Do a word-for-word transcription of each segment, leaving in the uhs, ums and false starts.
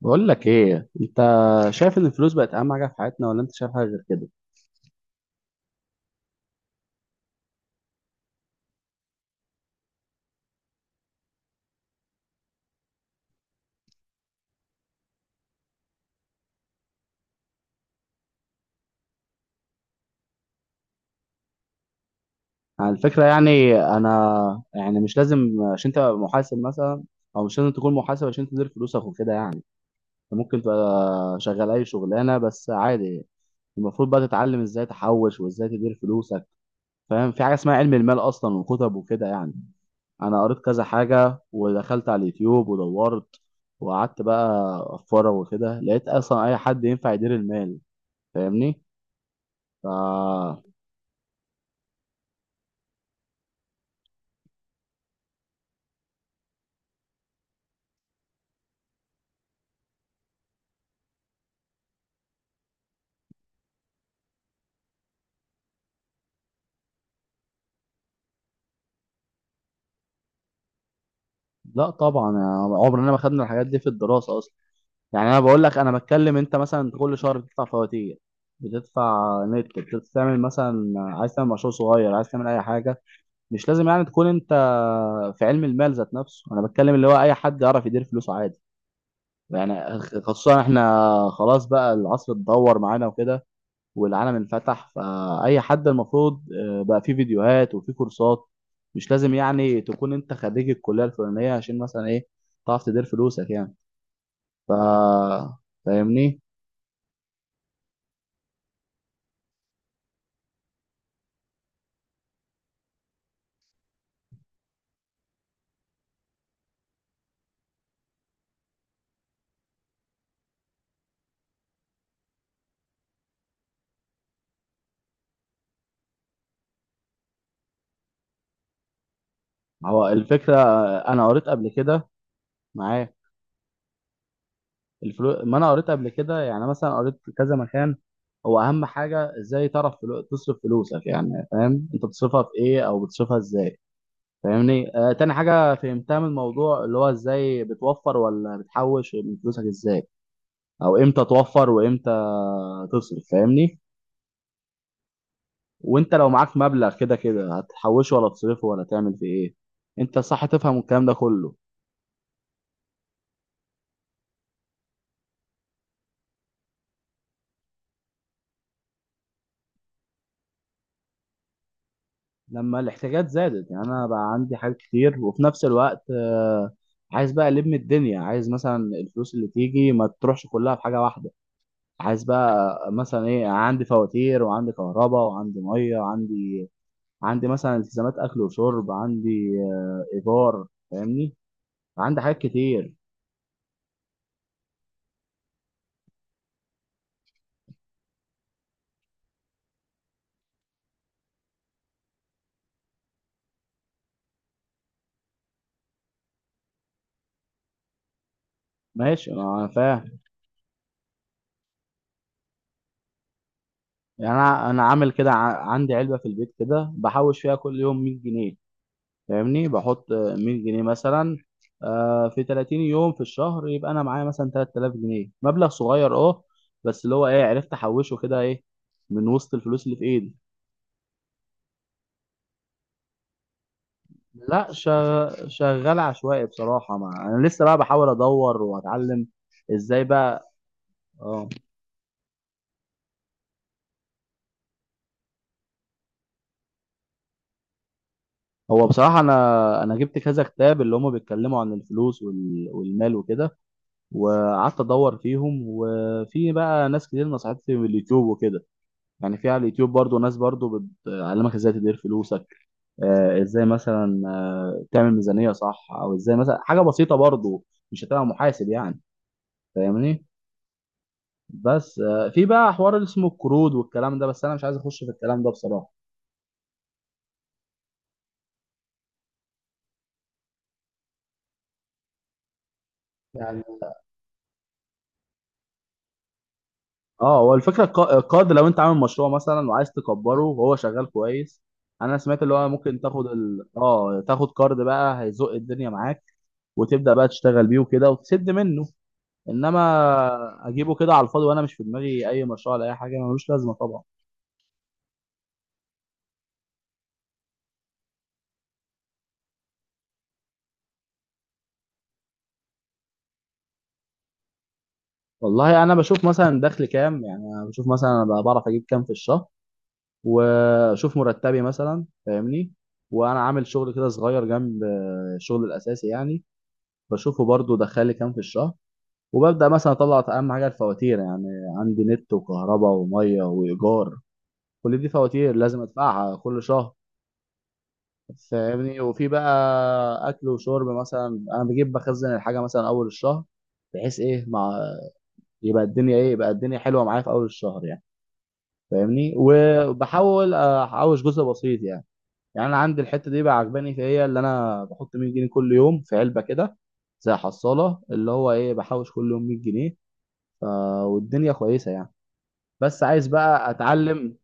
بقول لك ايه انت، شايف ان الفلوس بقت اهم حاجه في حياتنا ولا انت شايف حاجه غير كده؟ على الفكره، يعني انا يعني مش لازم عشان تبقى محاسب مثلا، او مش لازم تكون محاسب عشان تدير فلوسك وكده يعني. أنت ممكن تبقى شغال اي شغلانه بس عادي. المفروض بقى تتعلم ازاي تحوش وازاي تدير فلوسك. فاهم؟ في حاجه اسمها علم المال اصلا، وكتب وكده يعني. انا قريت كذا حاجه ودخلت على اليوتيوب ودورت، وقعدت بقى اتفرج وكده، لقيت اصلا اي حد ينفع يدير المال. فاهمني؟ ف... لا طبعا يعني، عمرنا ما خدنا الحاجات دي في الدراسة أصلا. يعني أنا بقول لك، أنا بتكلم، أنت مثلا كل شهر بتدفع فواتير، بتدفع نت، بتعمل مثلا عايز تعمل مشروع صغير، عايز تعمل أي حاجة، مش لازم يعني تكون أنت في علم المال ذات نفسه. أنا بتكلم اللي هو أي حد يعرف يدير فلوسه عادي، يعني خصوصا إحنا خلاص بقى العصر اتدهور معانا وكده، والعالم انفتح. فأي حد المفروض، آه، بقى فيه فيديوهات وفيه كورسات. مش لازم يعني تكون أنت خريج الكلية الفلانية عشان مثلا إيه تعرف تدير فلوسك يعني. ف فاهمني؟ هو الفكرة، آه، أنا قريت قبل كده معاه الفلوس. ما أنا قريت قبل كده يعني، مثلا قريت في كذا مكان، هو أهم حاجة إزاي تعرف فلو... تصرف فلوسك، يعني فاهم أنت بتصرفها في إيه أو بتصرفها إزاي. فاهمني؟ آه، تاني حاجة فهمتها من الموضوع اللي هو إزاي بتوفر ولا بتحوش من فلوسك إزاي، او امتى توفر وامتى تصرف. فاهمني؟ وانت لو معاك مبلغ كده كده هتحوشه ولا تصرفه ولا تعمل فيه ايه؟ انت صح تفهم الكلام ده كله؟ لما الاحتياجات زادت، يعني انا بقى عندي حاجات كتير، وفي نفس الوقت آه، عايز بقى الم الدنيا، عايز مثلا الفلوس اللي تيجي ما تروحش كلها في حاجه واحده. عايز بقى، آه، مثلا ايه، عندي فواتير وعندي كهرباء وعندي ميه، وعندي عندي مثلا التزامات اكل وشرب، عندي آه، ايجار، فاهمني؟ عندي حاجات كتير. ماشي انا فاهم. يعني انا انا عامل كده، ع- عندي علبه في البيت كده بحوش فيها كل يوم مية جنيه. فاهمني؟ بحط، آه، مية جنيه مثلا، آه، في تلاتين يوم في الشهر، يبقى انا معايا مثلا تلات تلاف جنيه، مبلغ صغير اه. بس اللي هو ايه، عرفت احوشه كده ايه، من وسط الفلوس اللي في ايدي. لا شغ- شغال عشوائي بصراحه، مع انا لسه بقى بحاول ادور واتعلم. ازاي بقى؟ اه. هو بصراحه انا انا جبت كذا كتاب اللي هم بيتكلموا عن الفلوس وال- والمال وكده، وقعدت ادور فيهم، وفي بقى ناس كتير نصحتني من اليوتيوب وكده. يعني في على اليوتيوب برضو ناس برضو بتعلمك ازاي تدير فلوسك. آه، ازاي مثلا آه، تعمل ميزانية صح، او ازاي مثلا حاجة بسيطة برضو، مش هتبقى محاسب يعني، فاهمني؟ بس، آه، في بقى حوار اللي اسمه القروض والكلام ده، بس انا مش عايز اخش في الكلام ده بصراحة يعني. اه، هو الفكره الق- القرض لو انت عامل مشروع مثلا وعايز تكبره وهو شغال كويس، انا سمعت اللي هو ممكن تاخد، ال... اه تاخد قرض بقى هيزق الدنيا معاك، وتبدا بقى تشتغل بيه وكده وتسد منه. انما اجيبه كده على الفاضي وانا مش في دماغي اي مشروع ولا اي حاجه، ملوش لازمه طبعا. والله انا بشوف مثلا دخل كام، يعني انا بشوف مثلا انا بقى بعرف اجيب كام في الشهر، واشوف مرتبي مثلا، فاهمني؟ وانا عامل شغل كده صغير جنب الشغل الاساسي يعني، بشوفه برضو دخل لي كام في الشهر. وببدا مثلا اطلع اهم حاجه الفواتير، يعني عندي نت وكهرباء وميه وايجار، كل دي فواتير لازم ادفعها كل شهر. فاهمني؟ وفي بقى اكل وشرب، مثلا انا بجيب بخزن الحاجه مثلا اول الشهر، بحيث ايه، مع يبقى الدنيا ايه، يبقى الدنيا حلوه معايا في اول الشهر يعني، فاهمني؟ وبحاول احوش جزء بسيط يعني. يعني انا عندي الحته دي بقى عجباني في هي اللي انا بحط مية جنيه كل يوم في علبه كده، زي حصاله، اللي هو ايه، بحوش كل يوم مية جنيه. ف... والدنيا كويسه يعني، بس عايز بقى اتعلم.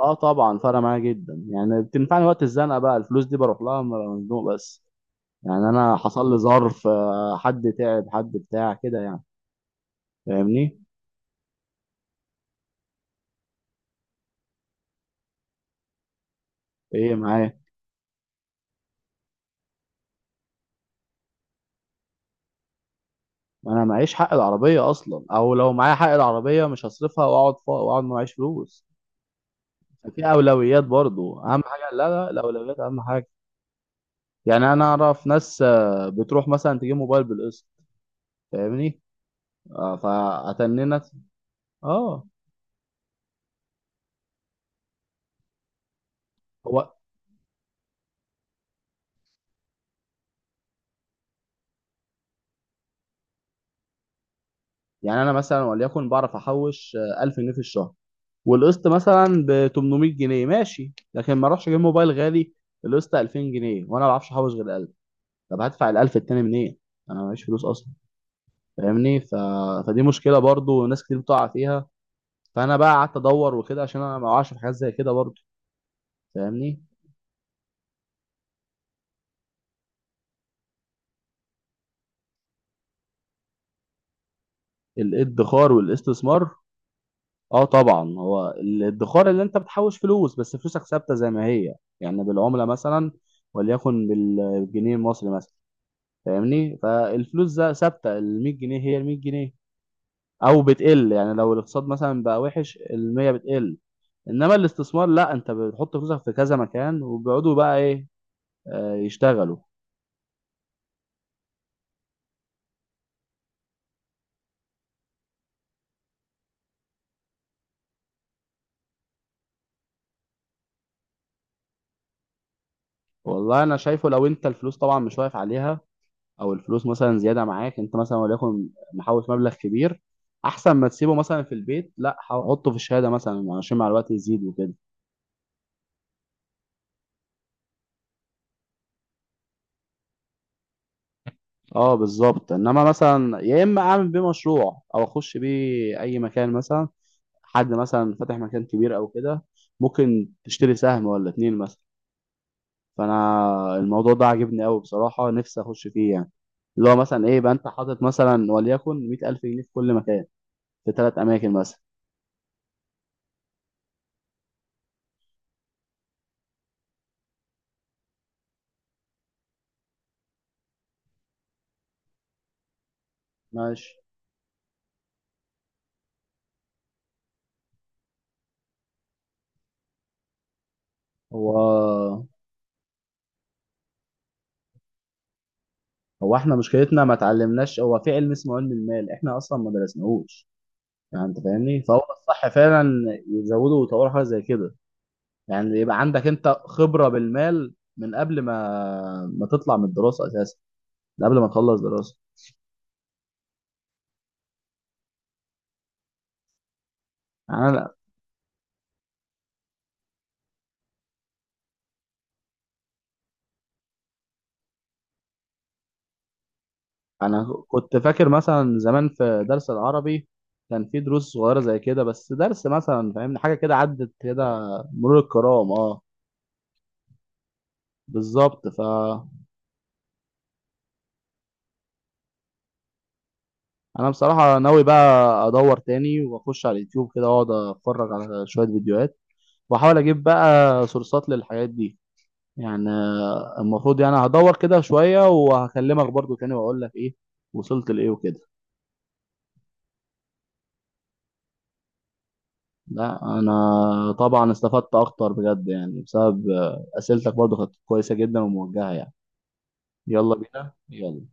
اه طبعا، فرق معايا جدا يعني، بتنفعني وقت الزنقه، بقى الفلوس دي بروح لها لما أبقى مزنوق بس. يعني انا حصل لي ظرف، آه، حد تعب، حد بتاع كده يعني، فاهمني؟ ايه معايا. انا معيش حق العربيه اصلا، او لو معايا حق العربيه مش هصرفها واقعد فا... واقعد ما معيش فلوس. في اولويات برضو اهم حاجه. لا لا، الاولويات اهم حاجه. يعني انا اعرف ناس آه، بتروح مثلا تجيب موبايل بالقسط، فاهمني؟ آه، فاتننت. اه هو. يعني انا مثلا وليكن بعرف احوش، آه، ألف جنيه في الشهر، والقسط مثلا ب تمن ميه جنيه ماشي، لكن ما اروحش اجيب موبايل غالي القسط ألفين جنيه وانا ما بعرفش احوش غير ألف. طب هدفع ال ألف التاني منين؟ انا معيش فلوس اصلا، فاهمني؟ ف... فدي مشكله برضو ناس كتير بتقع فيها. فانا بقى قعدت ادور وكده عشان انا ما اقعش في حاجات زي كده برضو. فاهمني؟ الادخار والاستثمار؟ اه طبعا، هو الادخار اللي انت بتحوش فلوس بس فلوسك ثابته زي ما هي، يعني بالعمله مثلا وليكن، بال- بالجنيه المصري مثلا، فاهمني؟ فالفلوس ده ثابته، ال مية جنيه هي ال مية جنيه، او بتقل يعني لو الاقتصاد مثلا بقى وحش المية بتقل. انما الاستثمار لا، انت بتحط فلوسك في كذا مكان وبيقعدوا بقى ايه، آه، يشتغلوا. والله انا شايفه، لو انت الفلوس طبعا مش واقف عليها، او الفلوس مثلا زياده معاك، انت مثلا وليكن محوش مبلغ كبير، احسن ما تسيبه مثلا في البيت، لا حطه في الشهاده مثلا عشان مع الوقت يزيد وكده. اه بالظبط، انما مثلا يا اما اعمل بيه مشروع، او اخش بيه اي مكان مثلا، حد مثلا فاتح مكان كبير او كده، ممكن تشتري سهم ولا اتنين مثلا. فانا الموضوع ده عاجبني قوي بصراحه، نفسي اخش فيه يعني، اللي هو مثلا ايه، يبقى انت حاطط مثلا وليكن مائة ألف جنيه في كل مكان، في ثلاث اماكن مثلا. ماشي. هو هو احنا مشكلتنا ما اتعلمناش، هو في علم اسمه علم المال احنا اصلا ما درسناهوش يعني، انت فاهمني؟ فهو الصح فعلا يزودوا ويطوروا حاجه زي كده. يعني يبقى عندك انت خبره بالمال من قبل ما ما تطلع من الدراسه اساسا، ده قبل ما اخلص دراسه يعني. انا انا كنت فاكر مثلا زمان في درس العربي، كان في دروس صغيره زي كده بس، درس مثلا فاهمني حاجه كده عدت كده مرور الكرام. اه بالظبط. فانا بصراحه ناوي بقى ادور تاني، واخش على اليوتيوب كده واقعد اتفرج على شويه فيديوهات، واحاول اجيب بقى سورسات للحاجات دي. يعني، آه، المفروض يعني هدور كده شويه وهكلمك برضو تاني واقول لك ايه وصلت لايه وكده. لا انا طبعا استفدت اكتر بجد يعني، بسبب آه، اسئلتك برضو كانت كويسه جدا وموجهه يعني. يلا بينا يلا.